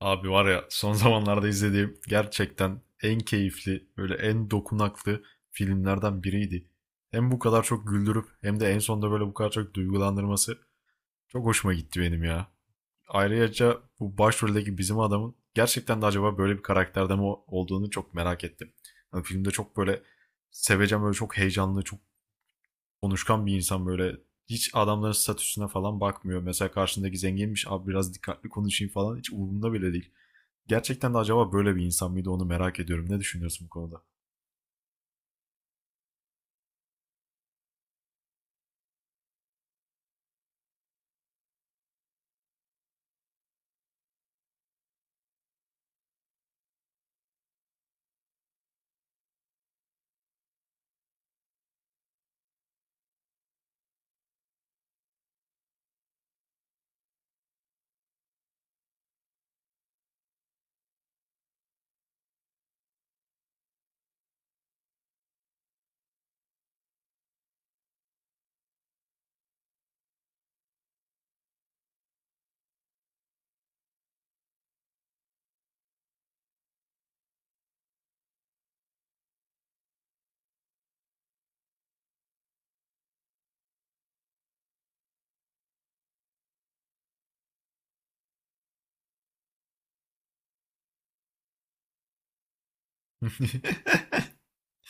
Abi var ya son zamanlarda izlediğim gerçekten en keyifli, böyle en dokunaklı filmlerden biriydi. Hem bu kadar çok güldürüp hem de en sonunda böyle bu kadar çok duygulandırması çok hoşuma gitti benim ya. Ayrıca bu başroldeki bizim adamın gerçekten de acaba böyle bir karakterde mi olduğunu çok merak ettim. Hani filmde çok böyle seveceğim böyle çok heyecanlı, çok konuşkan bir insan böyle hiç adamların statüsüne falan bakmıyor. Mesela karşındaki zenginmiş abi biraz dikkatli konuşayım falan hiç umurumda bile değil. Gerçekten de acaba böyle bir insan mıydı onu merak ediyorum. Ne düşünüyorsun bu konuda?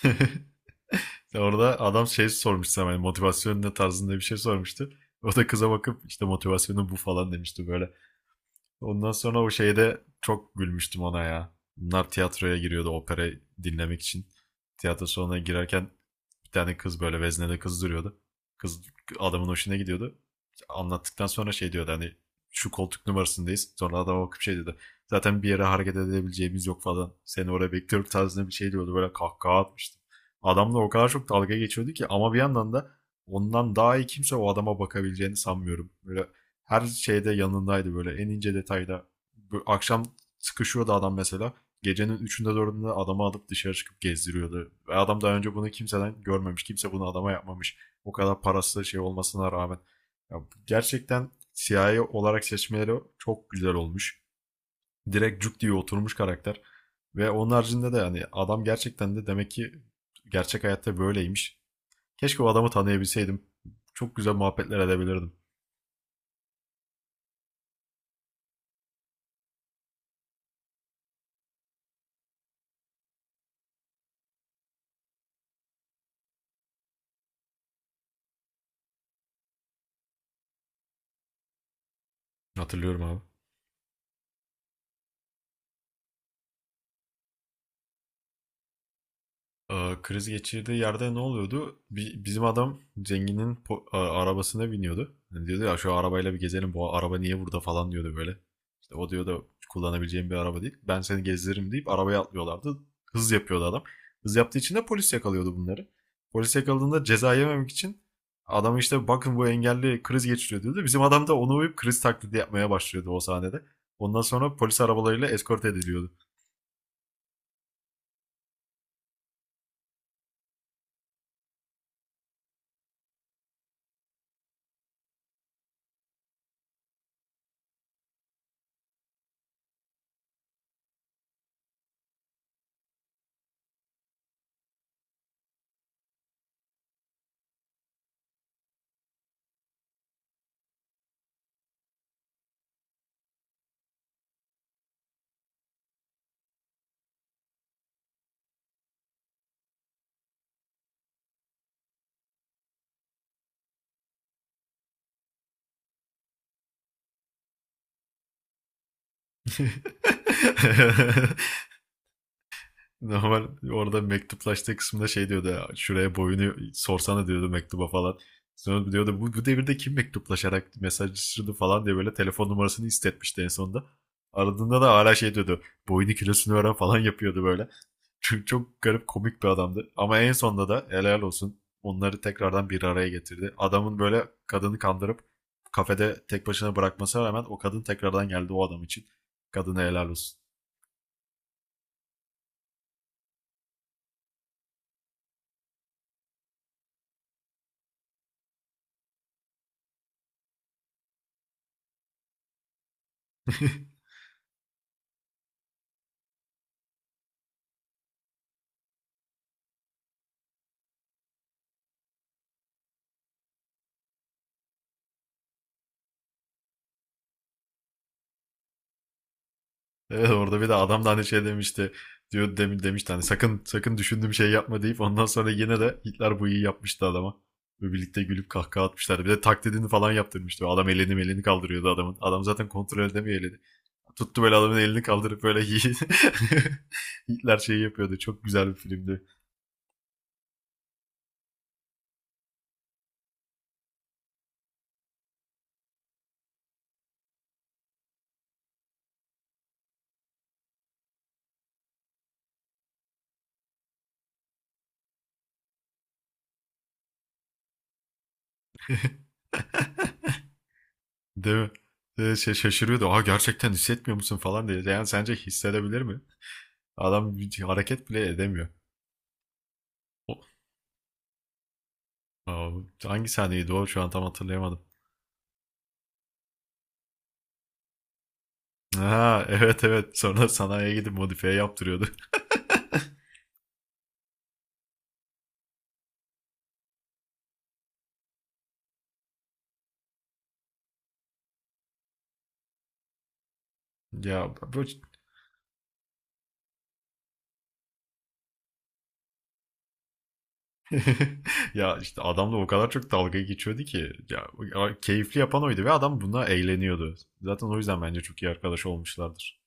Orada adam şey sormuştu, sana hani motivasyon ne tarzında bir şey sormuştu. O da kıza bakıp işte motivasyonu bu falan demişti böyle. Ondan sonra o şeyde çok gülmüştüm ona ya. Bunlar tiyatroya giriyordu opera dinlemek için. Tiyatro salonuna girerken bir tane kız böyle veznede kız duruyordu. Kız adamın hoşuna gidiyordu. Anlattıktan sonra şey diyordu hani şu koltuk numarasındayız. Sonra adama bakıp şey dedi. Zaten bir yere hareket edebileceğimiz yok falan. Seni oraya bekliyorum tarzında bir şey diyordu. Böyle kahkaha atmıştı. Adamla o kadar çok dalga geçiyordu ki ama bir yandan da ondan daha iyi kimse o adama bakabileceğini sanmıyorum. Böyle her şeyde yanındaydı böyle en ince detayda. Bu akşam sıkışıyordu adam mesela gecenin üçünde dördünde adamı alıp dışarı çıkıp gezdiriyordu. Ve adam daha önce bunu kimseden görmemiş. Kimse bunu adama yapmamış. O kadar parası şey olmasına rağmen. Ya gerçekten CIA olarak seçmeleri çok güzel olmuş. Direkt cuk diye oturmuş karakter. Ve onun haricinde de yani adam gerçekten de demek ki gerçek hayatta böyleymiş. Keşke o adamı tanıyabilseydim. Çok güzel muhabbetler edebilirdim. Hatırlıyorum abi. Aa, kriz geçirdiği yerde ne oluyordu? Bizim adam zenginin arabasına biniyordu. Yani diyordu ya şu arabayla bir gezelim bu araba niye burada falan diyordu böyle. İşte o diyor da kullanabileceğim bir araba değil. Ben seni gezdiririm deyip arabaya atlıyorlardı. Hız yapıyordu adam. Hız yaptığı için de polis yakalıyordu bunları. Polis yakaladığında ceza yememek için adamı işte bakın bu engelli kriz geçiriyor diyordu. Bizim adam da onu uyup kriz taklidi yapmaya başlıyordu o sahnede. Ondan sonra polis arabalarıyla eskort ediliyordu. Normal orada mektuplaştığı kısımda şey diyordu ya, şuraya boyunu sorsana diyordu mektuba falan. Sonra diyordu bu devirde kim mektuplaşarak mesajlaşırdı falan diye böyle telefon numarasını istetmişti en sonunda. Aradığında da hala şey diyordu boyunu kilosunu öğren falan yapıyordu böyle. Çünkü çok garip komik bir adamdı. Ama en sonunda da helal olsun onları tekrardan bir araya getirdi. Adamın böyle kadını kandırıp kafede tek başına bırakmasına rağmen o kadın tekrardan geldi o adam için. Kadına helal olsun. Evet, orada bir de adam da hani şey demişti. Diyor demin demişti hani sakın sakın düşündüğüm şey yapma deyip ondan sonra yine de Hitler bu iyi yapmıştı adama. Ve birlikte gülüp kahkaha atmışlardı. Bir de taklidini falan yaptırmıştı. Adam elini elini kaldırıyordu adamın. Adam zaten kontrol edemiyor elini. Tuttu böyle adamın elini kaldırıp böyle Hitler şeyi yapıyordu. Çok güzel bir filmdi. Değil mi? Şey, şaşırıyordu. Aa, gerçekten hissetmiyor musun falan diye. Yani sence hissedebilir mi? Adam bir hareket bile edemiyor. O, aa, hangi sahneydi o? Şu an tam hatırlayamadım. Ha, evet evet. Sonra sanayiye gidip modifiye yaptırıyordu. Ya bu ya işte adamla o kadar çok dalga geçiyordu ki ya keyifli yapan oydu ve adam buna eğleniyordu. Zaten o yüzden bence çok iyi arkadaş olmuşlardır.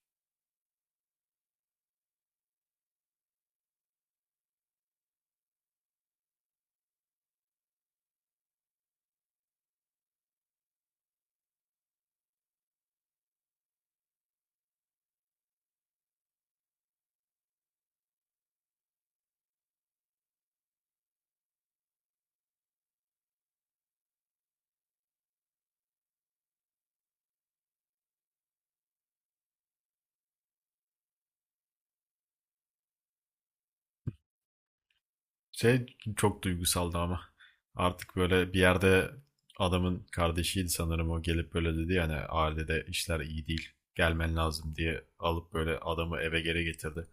Şey çok duygusaldı ama artık böyle bir yerde adamın kardeşiydi sanırım o gelip böyle dedi yani ailede işler iyi değil gelmen lazım diye alıp böyle adamı eve geri getirdi.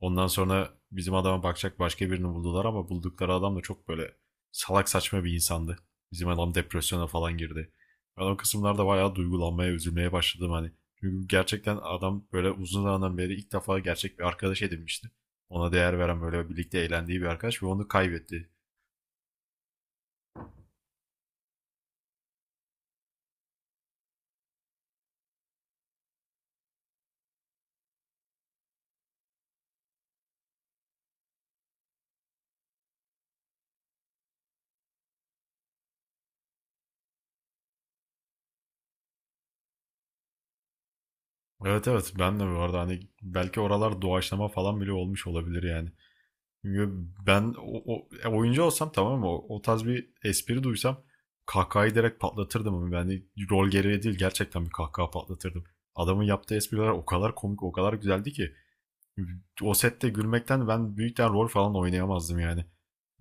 Ondan sonra bizim adama bakacak başka birini buldular ama buldukları adam da çok böyle salak saçma bir insandı. Bizim adam depresyona falan girdi. Ben o kısımlarda bayağı duygulanmaya, üzülmeye başladım hani. Çünkü gerçekten adam böyle uzun zamandan beri ilk defa gerçek bir arkadaş edinmişti. Ona değer veren böyle birlikte eğlendiği bir arkadaş ve onu kaybetti. Evet evet, ben de bu arada hani belki oralar doğaçlama falan bile olmuş olabilir yani. Yo, ben oyuncu olsam tamam mı? O tarz bir espri duysam kahkahayı direkt patlatırdım. Ama yani rol gereği değil gerçekten bir kahkaha patlatırdım. Adamın yaptığı espriler o kadar komik, o kadar güzeldi ki o sette gülmekten ben büyükten rol falan oynayamazdım yani.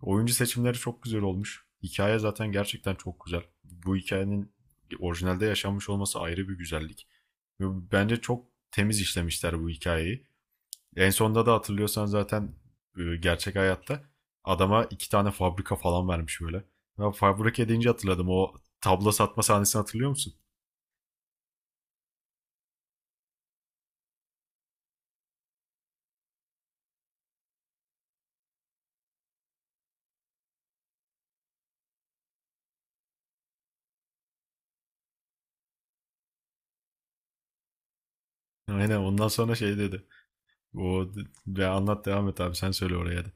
Oyuncu seçimleri çok güzel olmuş. Hikaye zaten gerçekten çok güzel. Bu hikayenin orijinalde yaşanmış olması ayrı bir güzellik. Bence çok temiz işlemişler bu hikayeyi. En sonda da hatırlıyorsan zaten gerçek hayatta adama iki tane fabrika falan vermiş böyle. Ben fabrika deyince hatırladım. O tablo satma sahnesini hatırlıyor musun? Aynen, ondan sonra şey dedi. O ve anlat, devam et abi, sen söyle oraya da.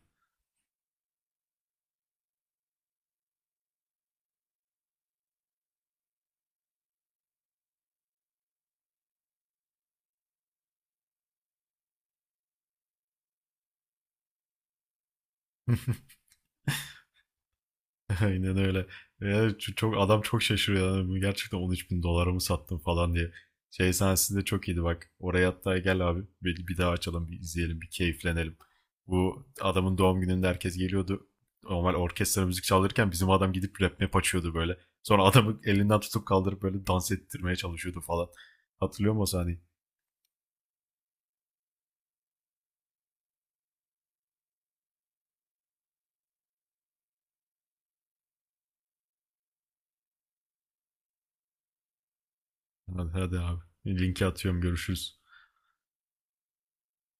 Aynen öyle. Yani çok adam çok şaşırıyor. Yani bu gerçekten 13 bin dolara mı sattın falan diye. Şey sahnesi de çok iyiydi bak. Oraya hatta gel abi. Bir daha açalım, bir izleyelim, bir keyiflenelim. Bu adamın doğum gününde herkes geliyordu. Normal orkestra müzik çalırken bizim adam gidip rap map açıyordu böyle. Sonra adamı elinden tutup kaldırıp böyle dans ettirmeye çalışıyordu falan. Hatırlıyor musun o sahneyi? Hadi, hadi abi. Linki atıyorum, görüşürüz.